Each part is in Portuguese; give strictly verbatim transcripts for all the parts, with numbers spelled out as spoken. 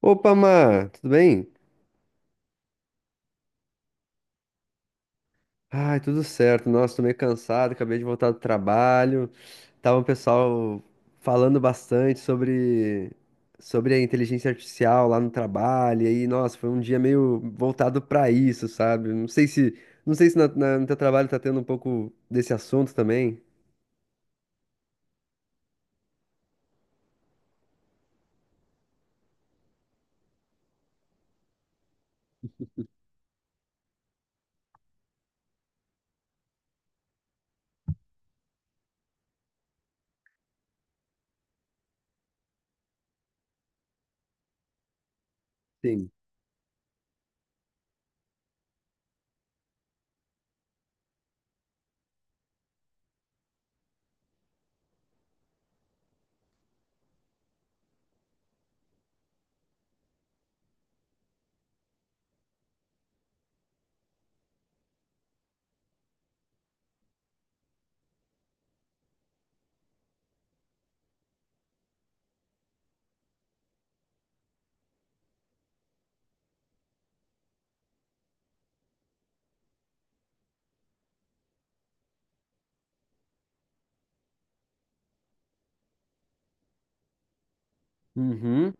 Opa, Mar, tudo bem? Ai, tudo certo. Nossa, tô meio cansado, acabei de voltar do trabalho. Tava o pessoal falando bastante sobre, sobre a inteligência artificial lá no trabalho. E aí, nossa, foi um dia meio voltado pra isso, sabe? Não sei se, não sei se na- na- no teu trabalho tá tendo um pouco desse assunto também. Sim. Uhum.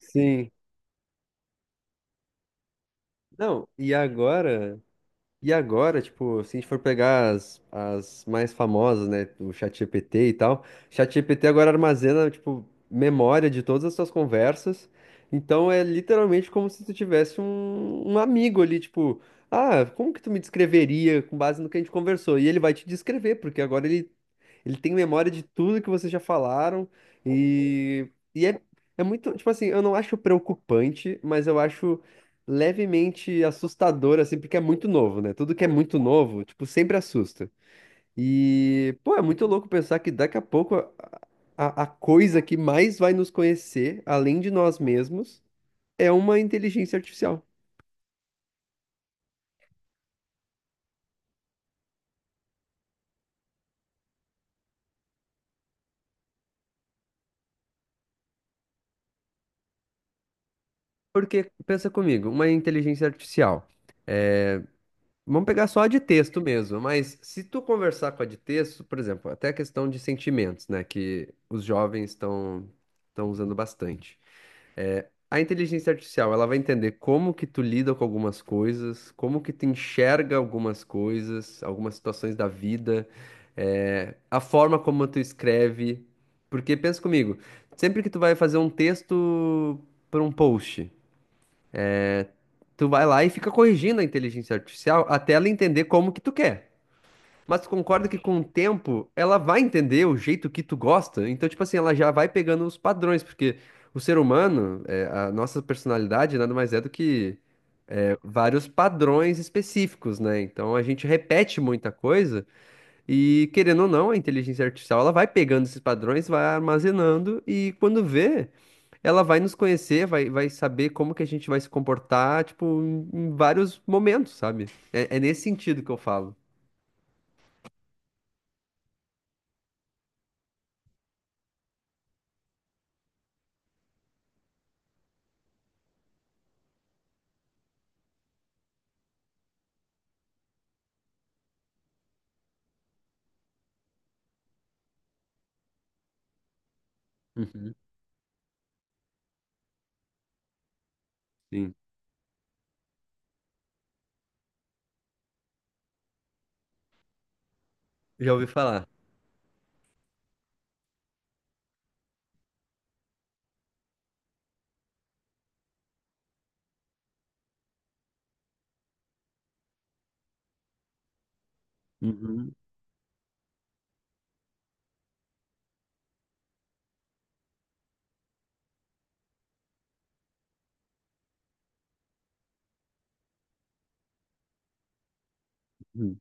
Sim. Não, e agora? E agora, tipo, se a gente for pegar as, as mais famosas, né, do ChatGPT e tal, ChatGPT agora armazena, tipo, memória de todas as suas conversas. Então é literalmente como se tu tivesse um, um amigo ali, tipo, ah, como que tu me descreveria com base no que a gente conversou? E ele vai te descrever, porque agora ele, ele tem memória de tudo que vocês já falaram e, e é, é muito, tipo assim, eu não acho preocupante, mas eu acho levemente assustador, assim, porque é muito novo, né? Tudo que é muito novo, tipo, sempre assusta. E, pô, é muito louco pensar que daqui a pouco a, a- a coisa que mais vai nos conhecer, além de nós mesmos, é uma inteligência artificial. Porque, pensa comigo, uma inteligência artificial. é, Vamos pegar só a de texto mesmo, mas se tu conversar com a de texto, por exemplo, até a questão de sentimentos, né, que os jovens estão estão usando bastante. A inteligência artificial, ela vai entender como que tu lida com algumas coisas, como que tu enxerga algumas coisas, algumas situações da vida, eh, a forma como tu escreve. Porque pensa comigo, sempre que tu vai fazer um texto para um post, tu vai lá e fica corrigindo a inteligência artificial até ela entender como que tu quer. Mas tu concorda que com o tempo ela vai entender o jeito que tu gosta? Então, tipo assim, ela já vai pegando os padrões, porque o ser humano, é, a nossa personalidade nada mais é do que é, vários padrões específicos, né? Então a gente repete muita coisa e, querendo ou não, a inteligência artificial ela vai pegando esses padrões, vai armazenando e quando vê, ela vai nos conhecer, vai, vai saber como que a gente vai se comportar, tipo, em, em vários momentos, sabe? É, é nesse sentido que eu falo. Uhum. Sim. Já ouvi falar. Uhum, uhum,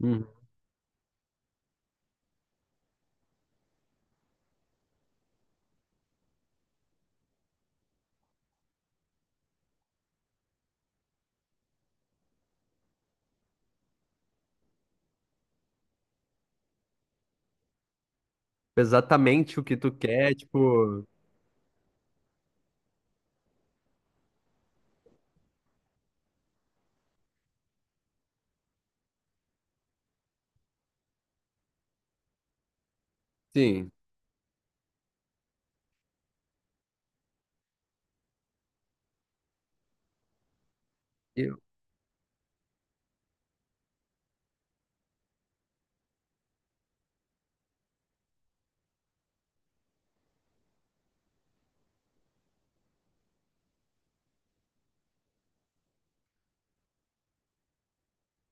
uhum. Exatamente o que tu quer, tipo. Sim. eu-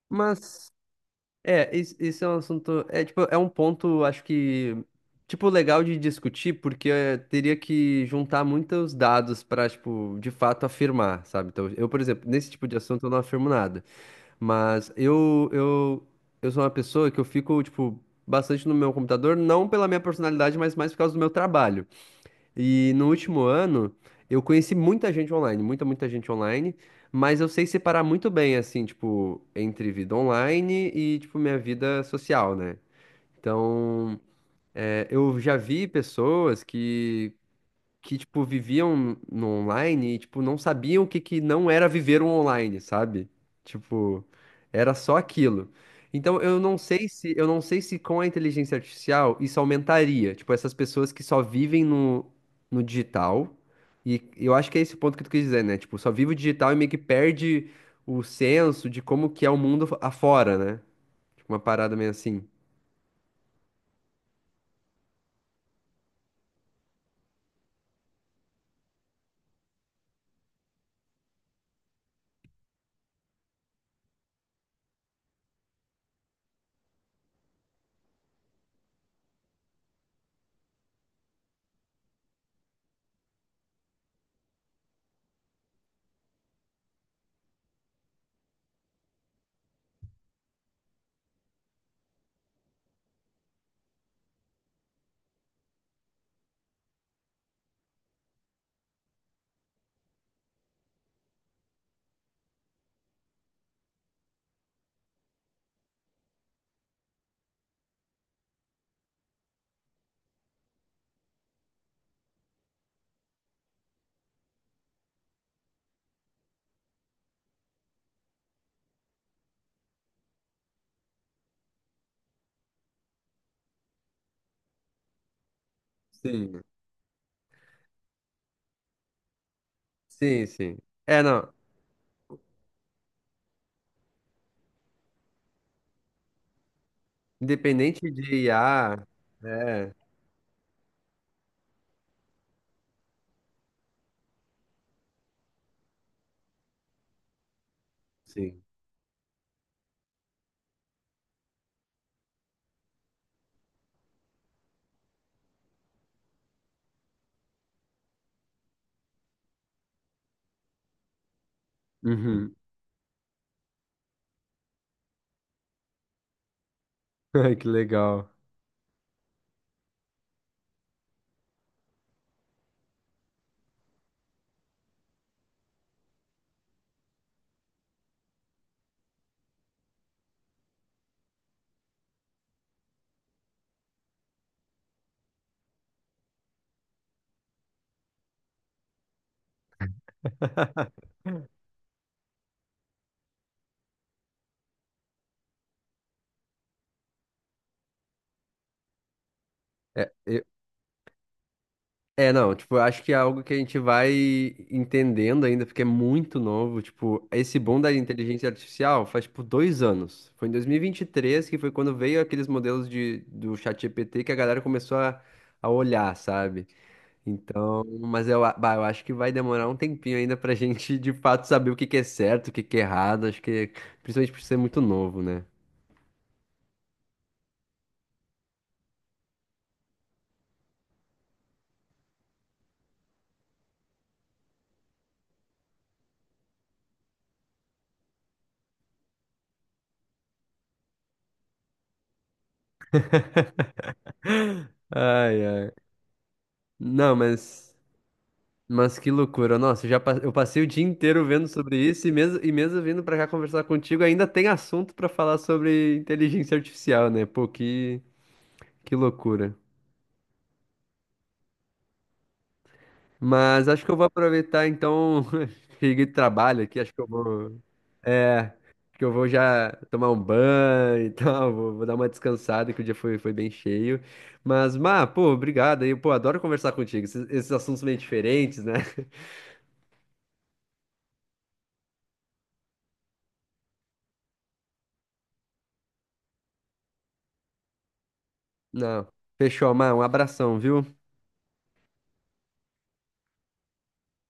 Mas. É, isso esse é um assunto. É, tipo, é um ponto, acho que. Tipo, legal de discutir, porque eh, teria que juntar muitos dados para, tipo, de fato afirmar, sabe? Então, eu, por exemplo, nesse tipo de assunto eu não afirmo nada, mas eu, eu, eu sou uma pessoa que eu fico, tipo, bastante no meu computador, não pela minha personalidade, mas mais por causa do meu trabalho. E no último ano, eu conheci muita gente online, muita, muita gente online, mas eu sei separar muito bem, assim, tipo, entre vida online e, tipo, minha vida social, né? Então, é, eu já vi pessoas que que, tipo, viviam no online e, tipo, não sabiam o que que não era viver o online, sabe? Tipo, era só aquilo. Então, eu não sei se, eu não sei se com a inteligência artificial isso aumentaria, tipo, essas pessoas que só vivem no, no digital. E eu acho que é esse o ponto que tu quis dizer, né? Tipo, só vive o digital e meio que perde o senso de como que é o mundo afora, né? Tipo, uma parada meio assim. Sim, sim, sim. É, não. Independente de I A, é. Sim. Uhum. Ai, que legal. É, eu- é, não, tipo, eu acho que é algo que a gente vai entendendo ainda, porque é muito novo. Tipo, esse boom da inteligência artificial faz, tipo, dois anos. Foi em dois mil e e vinte e três que foi quando veio aqueles modelos de, do ChatGPT que a galera começou a, a olhar, sabe? Então, mas eu, a- bah, eu acho que vai demorar um tempinho ainda pra gente, de fato, saber o que que é certo, o que que é errado. Acho que, principalmente por ser muito novo, né? Ai, ai. Não, mas. Mas que loucura. Nossa, eu já pa- eu passei o dia inteiro vendo sobre isso e mesmo, e mesmo vindo pra cá conversar contigo, ainda tem assunto pra falar sobre inteligência artificial, né? Pô, que, que loucura. Mas acho que eu vou aproveitar então, cheguei de trabalho aqui, acho que eu vou, é, acho que eu vou já tomar um banho e tal, vou, vou dar uma descansada que o dia foi, foi bem cheio. Mas, Má, pô, obrigado aí, pô, adoro conversar contigo, esses, esses assuntos meio diferentes, né? Não, fechou, Má, um abração, viu?